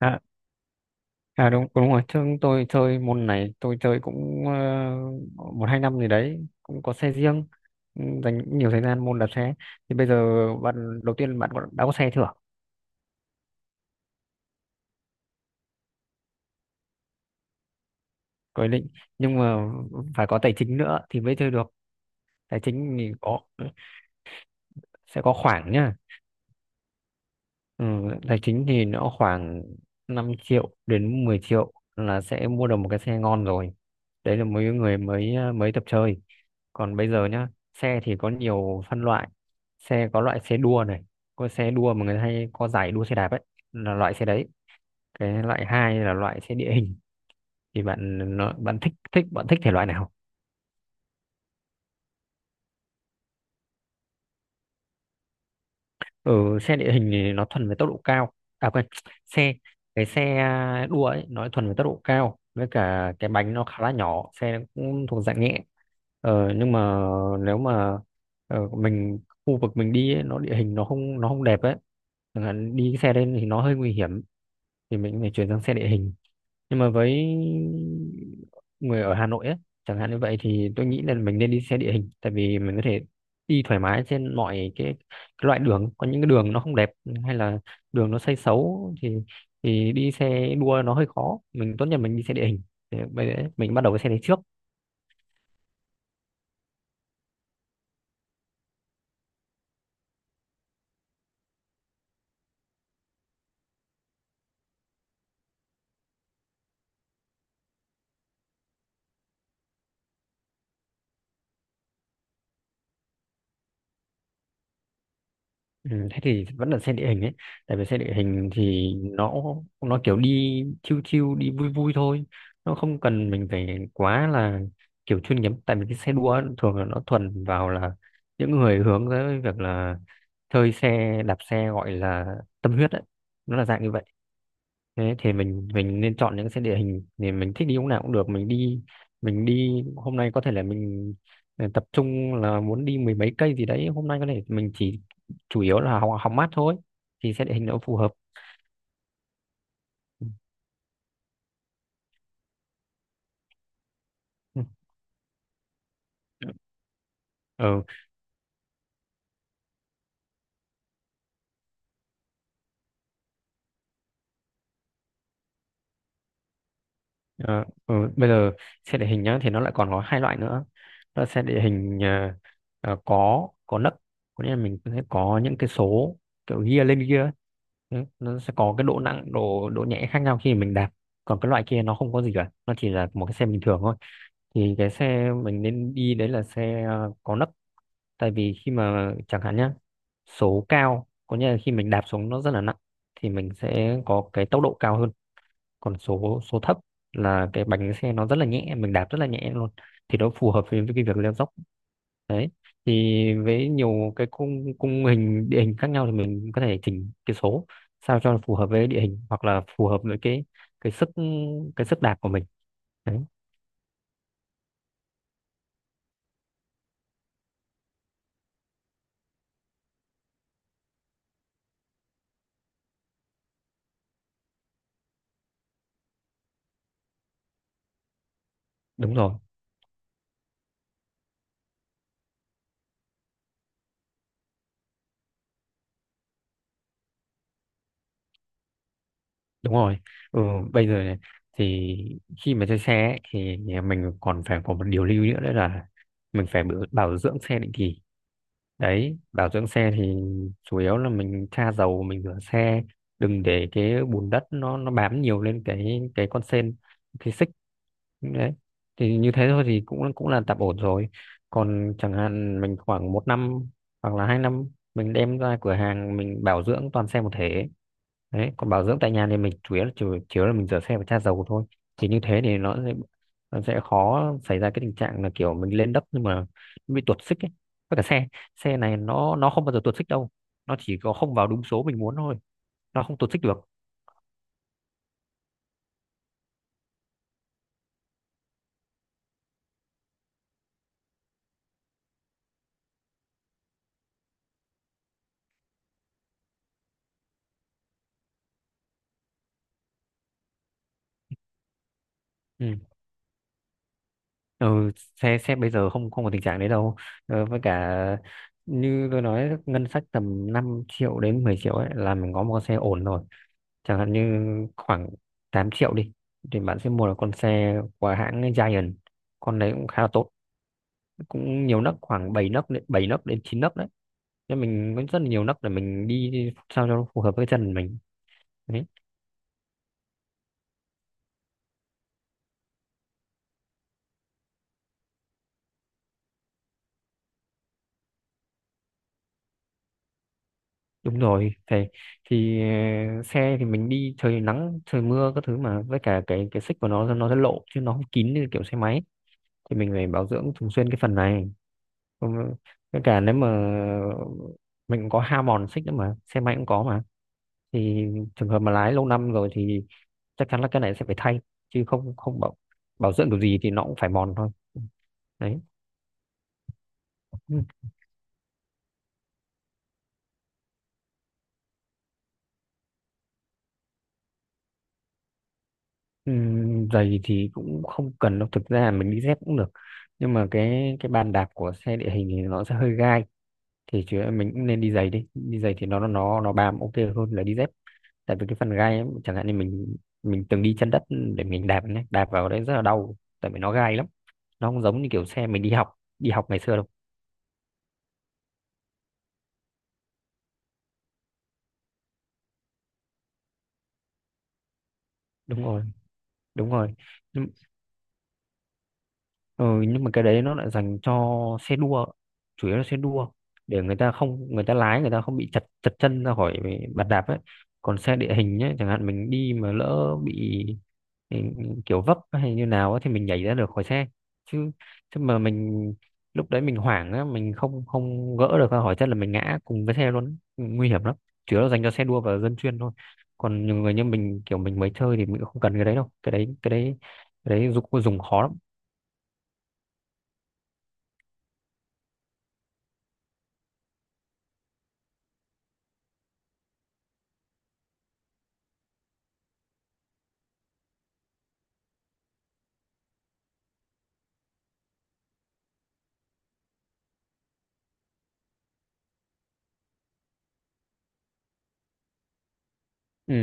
À, à đúng đúng rồi chứ tôi chơi môn này, tôi chơi cũng một hai năm gì đấy, cũng có xe riêng. Ừ, dành nhiều thời gian môn đạp xe thì bây giờ bạn đầu tiên, đã có xe chưa? Có ý định, nhưng mà phải có tài chính nữa thì mới chơi được. Tài chính thì có, sẽ có khoảng nhá. Ừ, tài chính thì nó khoảng 5 triệu đến 10 triệu là sẽ mua được một cái xe ngon rồi. Đấy là mấy người mới, mới tập chơi. Còn bây giờ nhá, xe thì có nhiều phân loại. Xe có loại xe đua này, có xe đua mà người ta hay có giải đua xe đạp ấy, là loại xe đấy. Cái loại hai là loại xe địa hình. Thì bạn nó, bạn thích thích bạn thích thể loại nào? Ừ, xe địa hình thì nó thuần về tốc độ cao. À quên, xe cái xe, đua ấy, nó thuần về tốc độ cao, với cả cái bánh nó khá là nhỏ, xe nó cũng thuộc dạng nhẹ. Nhưng mà nếu mà, mình khu vực mình đi ấy, nó địa hình nó không đẹp ấy, chẳng hạn đi cái xe lên thì nó hơi nguy hiểm, thì mình phải chuyển sang xe địa hình. Nhưng mà với người ở Hà Nội ấy, chẳng hạn như vậy, thì tôi nghĩ là mình nên đi xe địa hình, tại vì mình có thể đi thoải mái trên mọi cái loại đường. Có những cái đường nó không đẹp hay là đường nó xây xấu thì đi xe đua nó hơi khó, mình tốt nhất mình đi xe địa hình. Thế bây giờ mình bắt đầu với xe đấy trước. Ừ, thế thì vẫn là xe địa hình ấy, tại vì xe địa hình thì nó kiểu đi chill chill, đi vui vui thôi, nó không cần mình phải quá là kiểu chuyên nghiệp. Tại vì cái xe đua ấy, thường là nó thuần vào là những người hướng tới việc là chơi xe, đạp xe, gọi là tâm huyết ấy, nó là dạng như vậy. Thế thì mình nên chọn những cái địa hình, thì mình thích đi lúc nào cũng được. Mình đi, hôm nay có thể là mình tập trung là muốn đi mười mấy cây gì đấy, hôm nay có thể mình chỉ chủ yếu là hóng mát thôi, thì sẽ địa hình nó phù hợp. Ừ. Ờ, ừ, bây giờ xe địa hình nhá, thì nó lại còn có hai loại nữa. Đó là xe địa hình, có nấc, có nghĩa là mình sẽ có những cái số, kiểu gear lên gear ấy. Đấy, nó sẽ có cái độ nặng, độ độ nhẹ khác nhau khi mình đạp. Còn cái loại kia nó không có gì cả, nó chỉ là một cái xe bình thường thôi. Thì cái xe mình nên đi đấy là xe, có nấc. Tại vì khi mà chẳng hạn nhá, số cao có nghĩa là khi mình đạp xuống nó rất là nặng, thì mình sẽ có cái tốc độ cao hơn. Còn số số thấp là cái bánh xe nó rất là nhẹ, mình đạp rất là nhẹ luôn, thì nó phù hợp với cái việc leo dốc. Đấy, thì với nhiều cái cung cung hình địa hình khác nhau, thì mình có thể chỉnh cái số sao cho nó phù hợp với địa hình, hoặc là phù hợp với cái sức cái sức đạp của mình. Đấy. Đúng rồi, đúng rồi. Ừ, bây giờ này, thì khi mà chơi xe ấy, thì mình còn phải có một điều lưu ý nữa, đấy là mình phải bảo bảo dưỡng xe định kỳ. Đấy, bảo dưỡng xe thì chủ yếu là mình tra dầu, mình rửa xe, đừng để cái bùn đất nó bám nhiều lên cái con sên, cái xích. Đấy. Thì như thế thôi thì cũng cũng là tạm ổn rồi. Còn chẳng hạn mình khoảng một năm hoặc là 2 năm, mình đem ra cửa hàng mình bảo dưỡng toàn xe một thể. Đấy, còn bảo dưỡng tại nhà thì mình chủ yếu là chủ yếu là mình rửa xe và tra dầu thôi. Thì như thế thì nó sẽ khó xảy ra cái tình trạng là kiểu mình lên đất nhưng mà nó bị tuột xích ấy. Với cả xe xe này nó không bao giờ tuột xích đâu, nó chỉ có không vào đúng số mình muốn thôi, nó không tuột xích được. Ừ. Ừ, xe xe bây giờ không không có tình trạng đấy đâu. Ờ, với cả như tôi nói, ngân sách tầm 5 triệu đến 10 triệu ấy là mình có một con xe ổn rồi. Chẳng hạn như khoảng 8 triệu đi, thì bạn sẽ mua được con xe của hãng Giant, con đấy cũng khá là tốt. Cũng nhiều nấc, khoảng bảy nấc đến 9 nấc đấy. Nên mình có rất là nhiều nấc để mình đi sao cho nó phù hợp với chân mình. Đấy. Đúng rồi, phải. Thì xe thì mình đi trời nắng trời mưa các thứ, mà với cả cái xích của nó sẽ lộ chứ nó không kín như kiểu xe máy, thì mình phải bảo dưỡng thường xuyên cái phần này. Không- với cả nếu mà mình cũng có hao mòn xích nữa, mà xe máy cũng có mà. Thì trường hợp mà lái lâu năm rồi thì chắc chắn là cái này sẽ phải thay, chứ không không bảo bảo dưỡng kiểu gì thì nó cũng phải mòn thôi. Đấy. Giày thì cũng không cần đâu, thực ra mình đi dép cũng được. Nhưng mà cái bàn đạp của xe địa hình thì nó sẽ hơi gai, thì chứ mình cũng nên đi giày. Đi đi giày thì nó bám ok hơn là đi dép. Tại vì cái phần gai ấy, chẳng hạn như mình từng đi chân đất, để mình đạp nhé, đạp vào đấy rất là đau tại vì nó gai lắm. Nó không giống như kiểu xe mình đi học ngày xưa đâu. Đúng rồi, đúng rồi. Ừ, nhưng mà cái đấy nó lại dành cho xe đua, chủ yếu là xe đua, để người ta lái người ta không bị chật chật chân ra khỏi bàn đạp ấy. Còn xe địa hình ấy, chẳng hạn mình đi mà lỡ bị, ừ, kiểu vấp hay như nào ấy, thì mình nhảy ra được khỏi xe, chứ chứ mà mình lúc đấy mình hoảng á, mình không không gỡ được ra khỏi chân là mình ngã cùng với xe luôn, nguy hiểm lắm. Chủ yếu là dành cho xe đua và dân chuyên thôi. Còn nhiều người như mình, kiểu mình mới chơi thì mình cũng không cần cái đấy đâu. Cái đấy dùng dùng khó lắm. Ừ,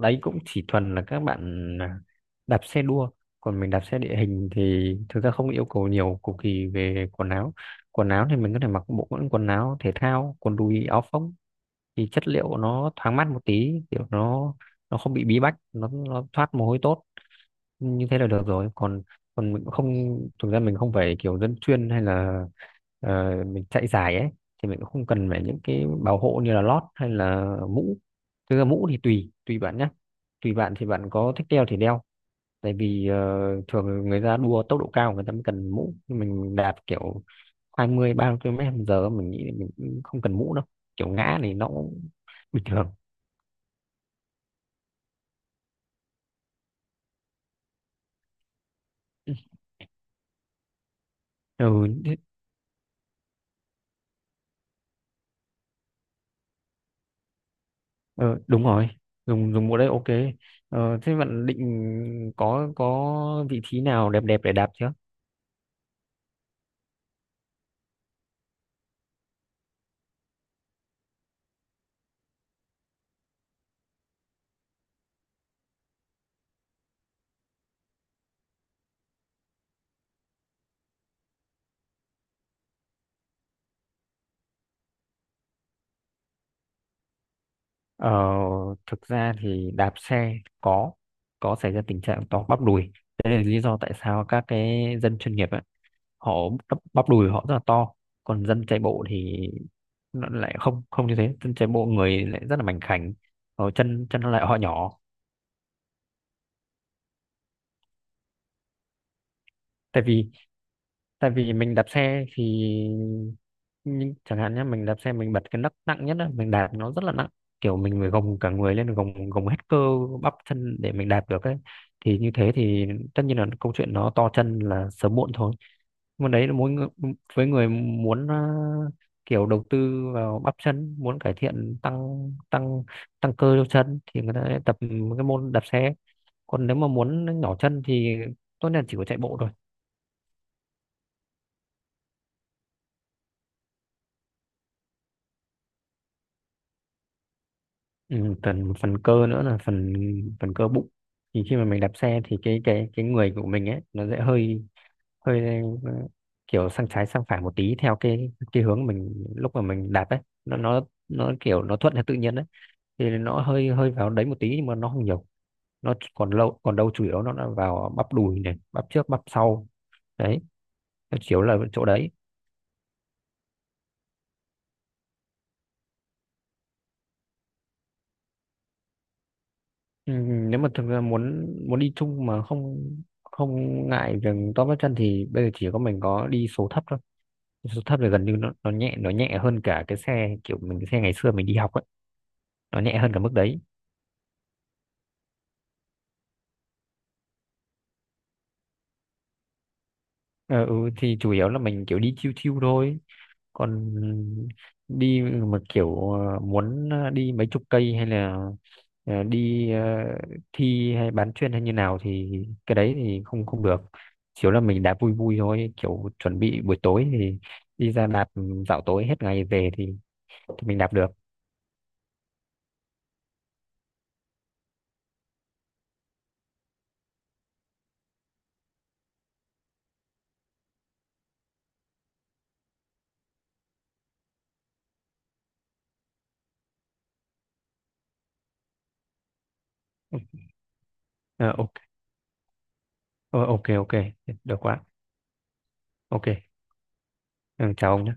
đấy cũng chỉ thuần là các bạn, đạp xe đua. Còn mình đạp xe địa hình thì thực ra không yêu cầu nhiều, cầu kỳ về quần áo. Quần áo thì mình có thể mặc bộ quần quần áo thể thao, quần đùi áo phông, thì chất liệu của nó thoáng mát một tí, kiểu nó không bị bí bách, nó thoát mồ hôi tốt, như thế là được rồi. Còn còn mình cũng không, thực ra mình không phải kiểu dân chuyên hay là, mình chạy giải ấy, thì mình cũng không cần phải những cái bảo hộ như là lót hay là mũ. Thực ra mũ thì tùy tùy bạn nhé, tùy bạn, thì bạn có thích đeo thì đeo. Tại vì thường người ta đua tốc độ cao, người ta mới cần mũ. Nhưng mình đạp kiểu 20-30 km/h, mình nghĩ là mình cũng không cần mũ đâu, kiểu ngã thì nó cũng bình thường. Ừ, đúng rồi, dùng dùng mũ đấy ok. Ờ, thế bạn định có vị trí nào đẹp đẹp để đạp chưa? ờ, Thực ra thì đạp xe có có xảy ra tình trạng to bắp đùi. Đấy là lý do tại sao các cái dân chuyên nghiệp họ bắp bắp đùi họ rất là to. Còn dân chạy bộ thì nó lại không không như thế, dân chạy bộ người lại rất là mảnh khảnh, ở chân chân lại họ nhỏ. Tại vì tại vì mình đạp xe thì, nhưng chẳng hạn nhé, mình đạp xe mình bật cái nấc nặng nhất á, mình đạp nó rất là nặng, kiểu mình phải gồng cả người lên, gồng gồng hết cơ bắp chân để mình đạp được ấy. Thì như thế thì tất nhiên là câu chuyện nó to chân là sớm muộn thôi. Môn đấy là mỗi người, với người muốn kiểu đầu tư vào bắp chân, muốn cải thiện, tăng tăng tăng cơ cho chân, thì người ta sẽ tập cái môn đạp xe. Còn nếu mà muốn nhỏ chân thì tốt nhất là chỉ có chạy bộ thôi. Ừ, phần phần cơ nữa là phần phần cơ bụng. Thì khi mà mình đạp xe thì cái người của mình ấy nó sẽ hơi hơi, kiểu sang trái sang phải một tí, theo cái hướng mình lúc mà mình đạp ấy. Nó nó nó kiểu nó thuận theo tự nhiên, đấy, thì nó hơi hơi vào đấy một tí, nhưng mà nó không nhiều, nó còn lâu còn đâu, chủ yếu nó là vào bắp đùi này, bắp trước bắp sau. Đấy, nó chủ yếu là chỗ đấy. Ừ, nếu mà thực ra muốn muốn đi chung mà không không ngại việc to bắp chân, thì bây giờ chỉ có mình có đi số thấp thôi. Số thấp thì gần như nó nhẹ, nó nhẹ hơn cả cái xe kiểu mình, cái xe ngày xưa mình đi học ấy, nó nhẹ hơn cả mức đấy. Ờ, ừ, thì chủ yếu là mình kiểu đi chill chill thôi. Còn đi mà kiểu muốn đi mấy chục cây hay là đi thi hay bán chuyên hay như nào thì cái đấy thì không không được. Chỉ là mình đạp vui vui thôi, kiểu chuẩn bị buổi tối thì đi ra đạp, dạo tối hết ngày về, thì mình đạp được. Ờ, ok. Ờ, ok ok, được quá, ok. Ừ, chào ông nhé.